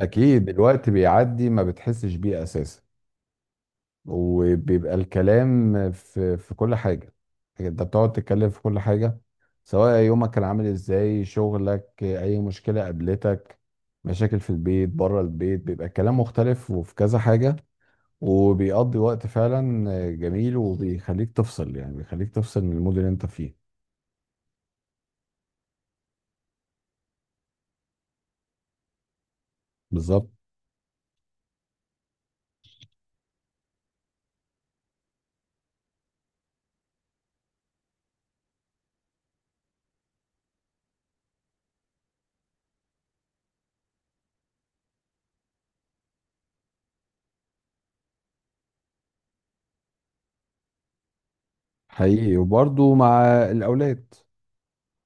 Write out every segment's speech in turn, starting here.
اكيد الوقت بيعدي ما بتحسش بيه اساسا. وبيبقى الكلام في كل حاجه، يعني انت بتقعد تتكلم في كل حاجه، سواء يومك كان عامل ازاي، شغلك، اي مشكله قابلتك، مشاكل في البيت، بره البيت، بيبقى الكلام مختلف وفي كذا حاجه. وبيقضي وقت فعلا جميل، وبيخليك تفصل، يعني بيخليك تفصل من المود اللي انت فيه. بالظبط. حقيقي، وبرضه مع الاولاد.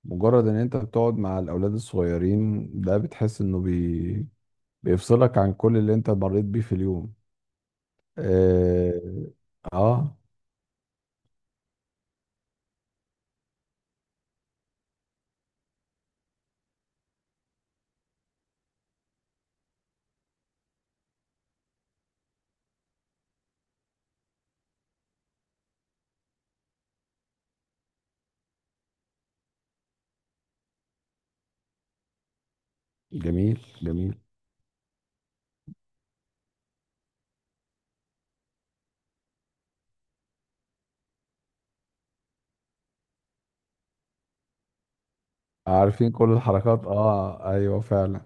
مجرد ان انت بتقعد مع الاولاد الصغيرين ده بتحس انه بيفصلك عن كل اللي انت مريت بيه في اليوم. اه، آه. جميل جميل. عارفين كل الحركات، اه ايوه فعلا.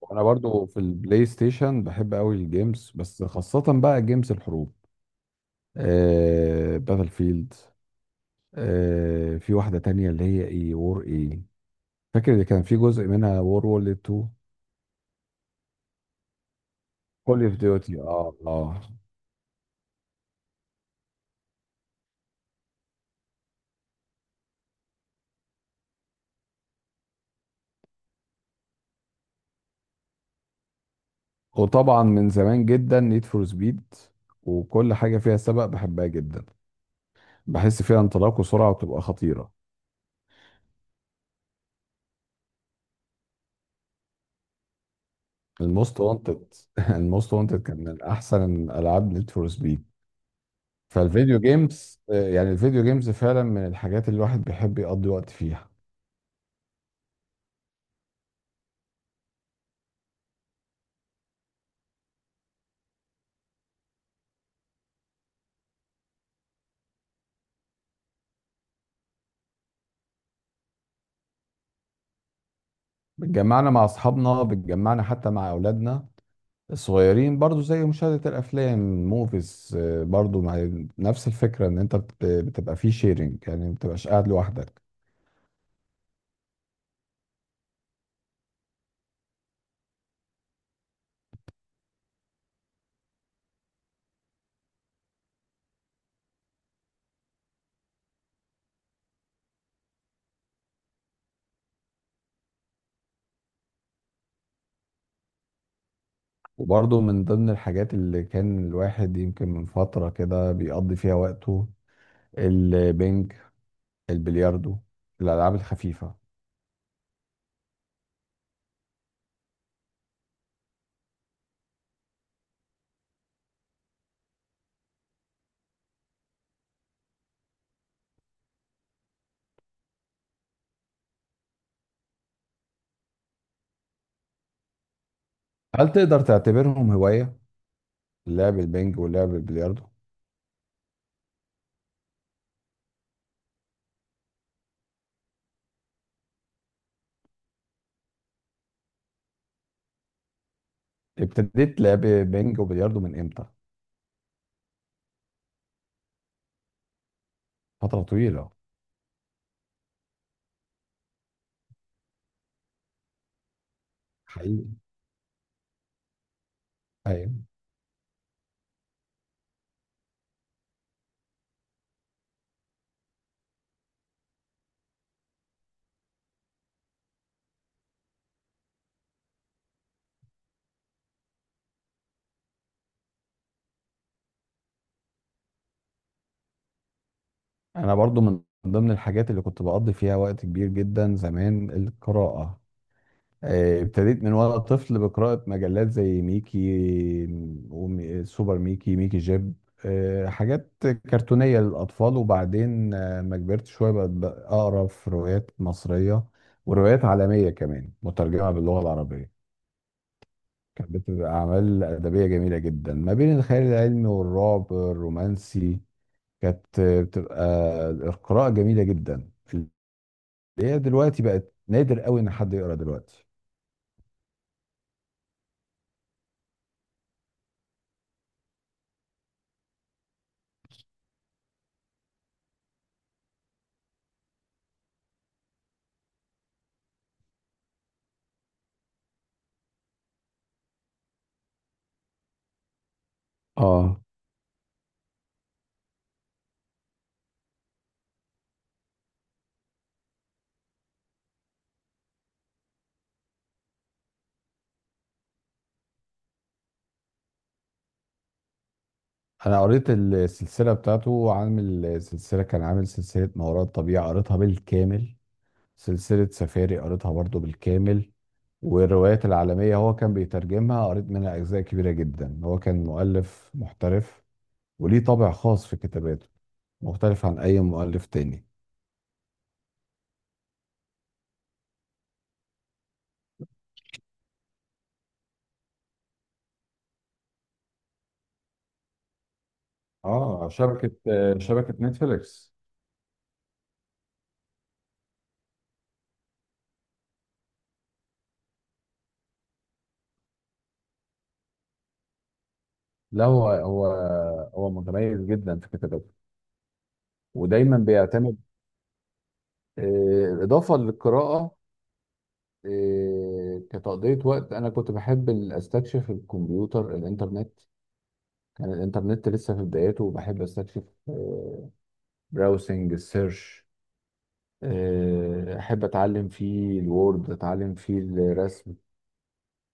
وانا برضو في البلاي ستيشن بحب قوي الجيمز، بس خاصة بقى جيمز الحروب. آه، باتل فيلد. آه في واحدة تانية اللي هي ايه، وور ايه، فاكر اللي كان في جزء منها، وور وورلد 2. كول اوف ديوتي، اه اه. وطبعا من زمان جدا نيد فور سبيد، وكل حاجه فيها سباق بحبها جدا، بحس فيها انطلاق وسرعه وبتبقى خطيره. الموست وانتد الموست وانتد كان من احسن العاب نيد فور سبيد. فالفيديو جيمز، يعني الفيديو جيمز فعلا من الحاجات اللي الواحد بيحب يقضي وقت فيها. بتجمعنا مع اصحابنا، بتجمعنا حتى مع اولادنا الصغيرين، برضو زي مشاهده الافلام، موفيز، برضو مع نفس الفكره ان انت بتبقى فيه شيرنج، يعني ما بتبقاش قاعد لوحدك. وبرضه من ضمن الحاجات اللي كان الواحد يمكن من فترة كده بيقضي فيها وقته، البنج، البلياردو، الألعاب الخفيفة. هل تقدر تعتبرهم هواية، لعب البنج ولعب البلياردو؟ ابتديت لعب بنج وبلياردو من امتى؟ فترة طويلة. حقيقي. أيوة. أنا برضو من ضمن الحاجات اللي كنت بقضي فيها وقت كبير جدا زمان، القراءة. ابتديت من وانا طفل بقراءة مجلات زي ميكي، سوبر ميكي، ميكي جيب، حاجات كرتونية للأطفال. وبعدين ما كبرت شوية بقت أقرأ في روايات مصرية وروايات عالمية كمان مترجمة باللغة العربية. كانت بتبقى أعمال أدبية جميلة جدا، ما بين الخيال العلمي والرعب الرومانسي. كانت بتبقى القراءة جميلة جدا، اللي هي دلوقتي بقت نادر قوي إن حد يقرأ دلوقتي. اه. انا قريت السلسله بتاعته، عامل سلسله، كان عامل سلسله ما وراء الطبيعه قريتها بالكامل، سلسله سفاري قريتها برضو بالكامل. والروايات العالميه هو كان بيترجمها، قريت منها اجزاء كبيره جدا. هو كان مؤلف محترف وليه طابع خاص في كتاباته، مختلف عن اي مؤلف تاني. اه شبكة، شبكة نتفليكس. لا هو هو متميز جدا في كتاباته، ودايما بيعتمد. اضافه للقراءه، إيه، كتقضية وقت، أنا كنت بحب أستكشف الكمبيوتر، الإنترنت. كان الإنترنت لسه في بدايته وبحب أستكشف، براوسنج، السيرش. أحب أتعلم فيه الوورد، أتعلم فيه الرسم.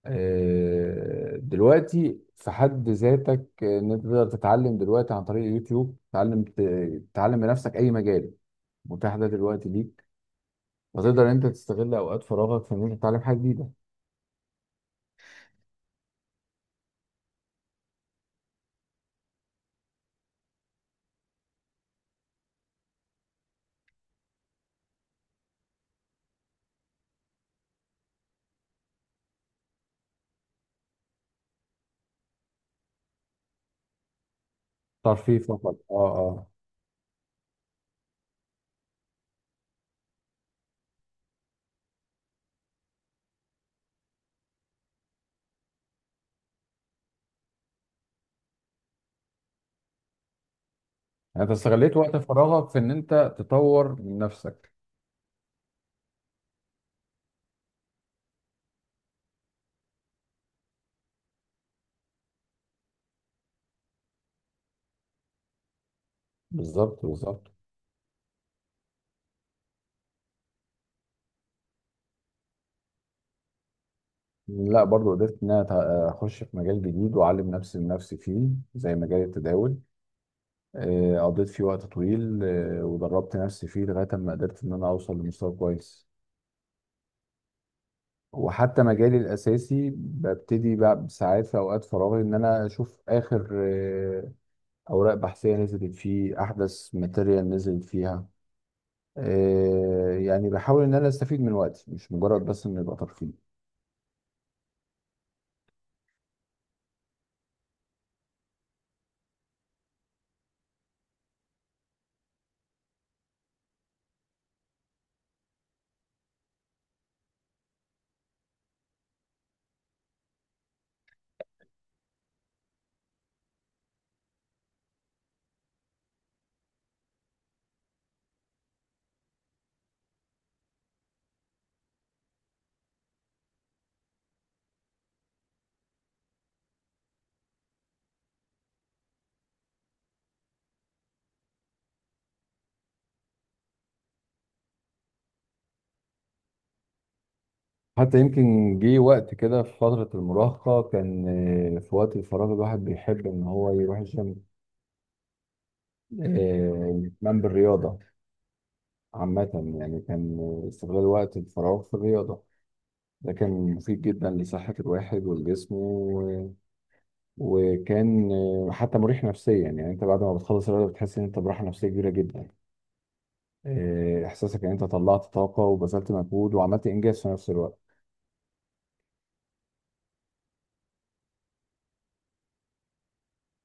دلوقتي في حد ذاتك، إن أنت تقدر تتعلم دلوقتي عن طريق اليوتيوب، تتعلم تتعلم بنفسك أي مجال متاح ده دلوقتي ليك. وتقدر إن أنت تستغل أوقات فراغك في إن أنت تتعلم حاجة جديدة. ترفيه فقط، اه آه. يعني انت استغليت وقت فراغك في ان انت تطور من نفسك. بالظبط بالظبط. لا برضو قدرت ان انا اخش في مجال جديد، واعلم نفسي من نفسي فيه، زي مجال التداول. قضيت فيه وقت طويل، ودربت نفسي فيه لغايه ما قدرت ان انا اوصل لمستوى كويس. وحتى مجالي الاساسي ببتدي بقى ساعات في اوقات فراغي ان انا اشوف اخر اوراق بحثيه نزلت فيه، احدث ماتيريال نزلت فيها. يعني بحاول ان انا استفيد من وقتي، مش مجرد بس انه يبقى ترفيه. حتى يمكن جه وقت كده في فترة المراهقة، كان في وقت الفراغ الواحد بيحب ان هو يروح الجيم. يهتم بالرياضة عامة. يعني كان استغلال وقت الفراغ في الرياضة ده كان مفيد جدا لصحة الواحد والجسم، و- وكان حتى مريح نفسيا. يعني انت بعد ما بتخلص الرياضة بتحس ان انت براحة نفسية كبيرة جدا. احساسك ان انت طلعت طاقة وبذلت مجهود وعملت انجاز في نفس الوقت.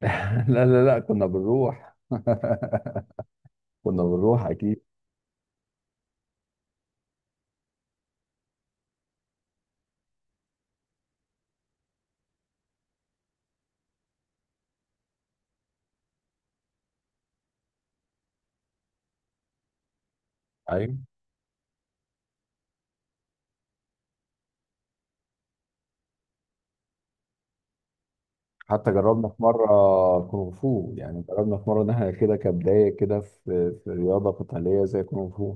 لا لا لا، كنا بنروح كنا بنروح اكيد. ايوه. حتى جربنا في مره كونغ فو، يعني جربنا في مره ان احنا كده كبدايه كده في في رياضه قتاليه زي كونغ فو.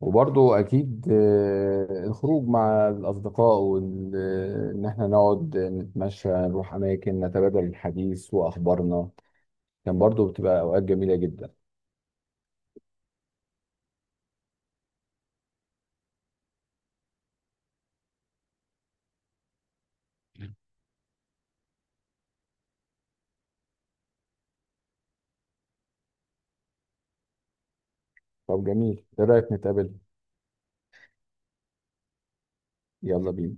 وبرضه اكيد الخروج مع الاصدقاء وان احنا نقعد نتمشى، نروح اماكن، نتبادل الحديث واخبارنا، كان برضه بتبقى اوقات جميله جدا. طب جميل، ايه رايك نتقابل؟ يلا بينا.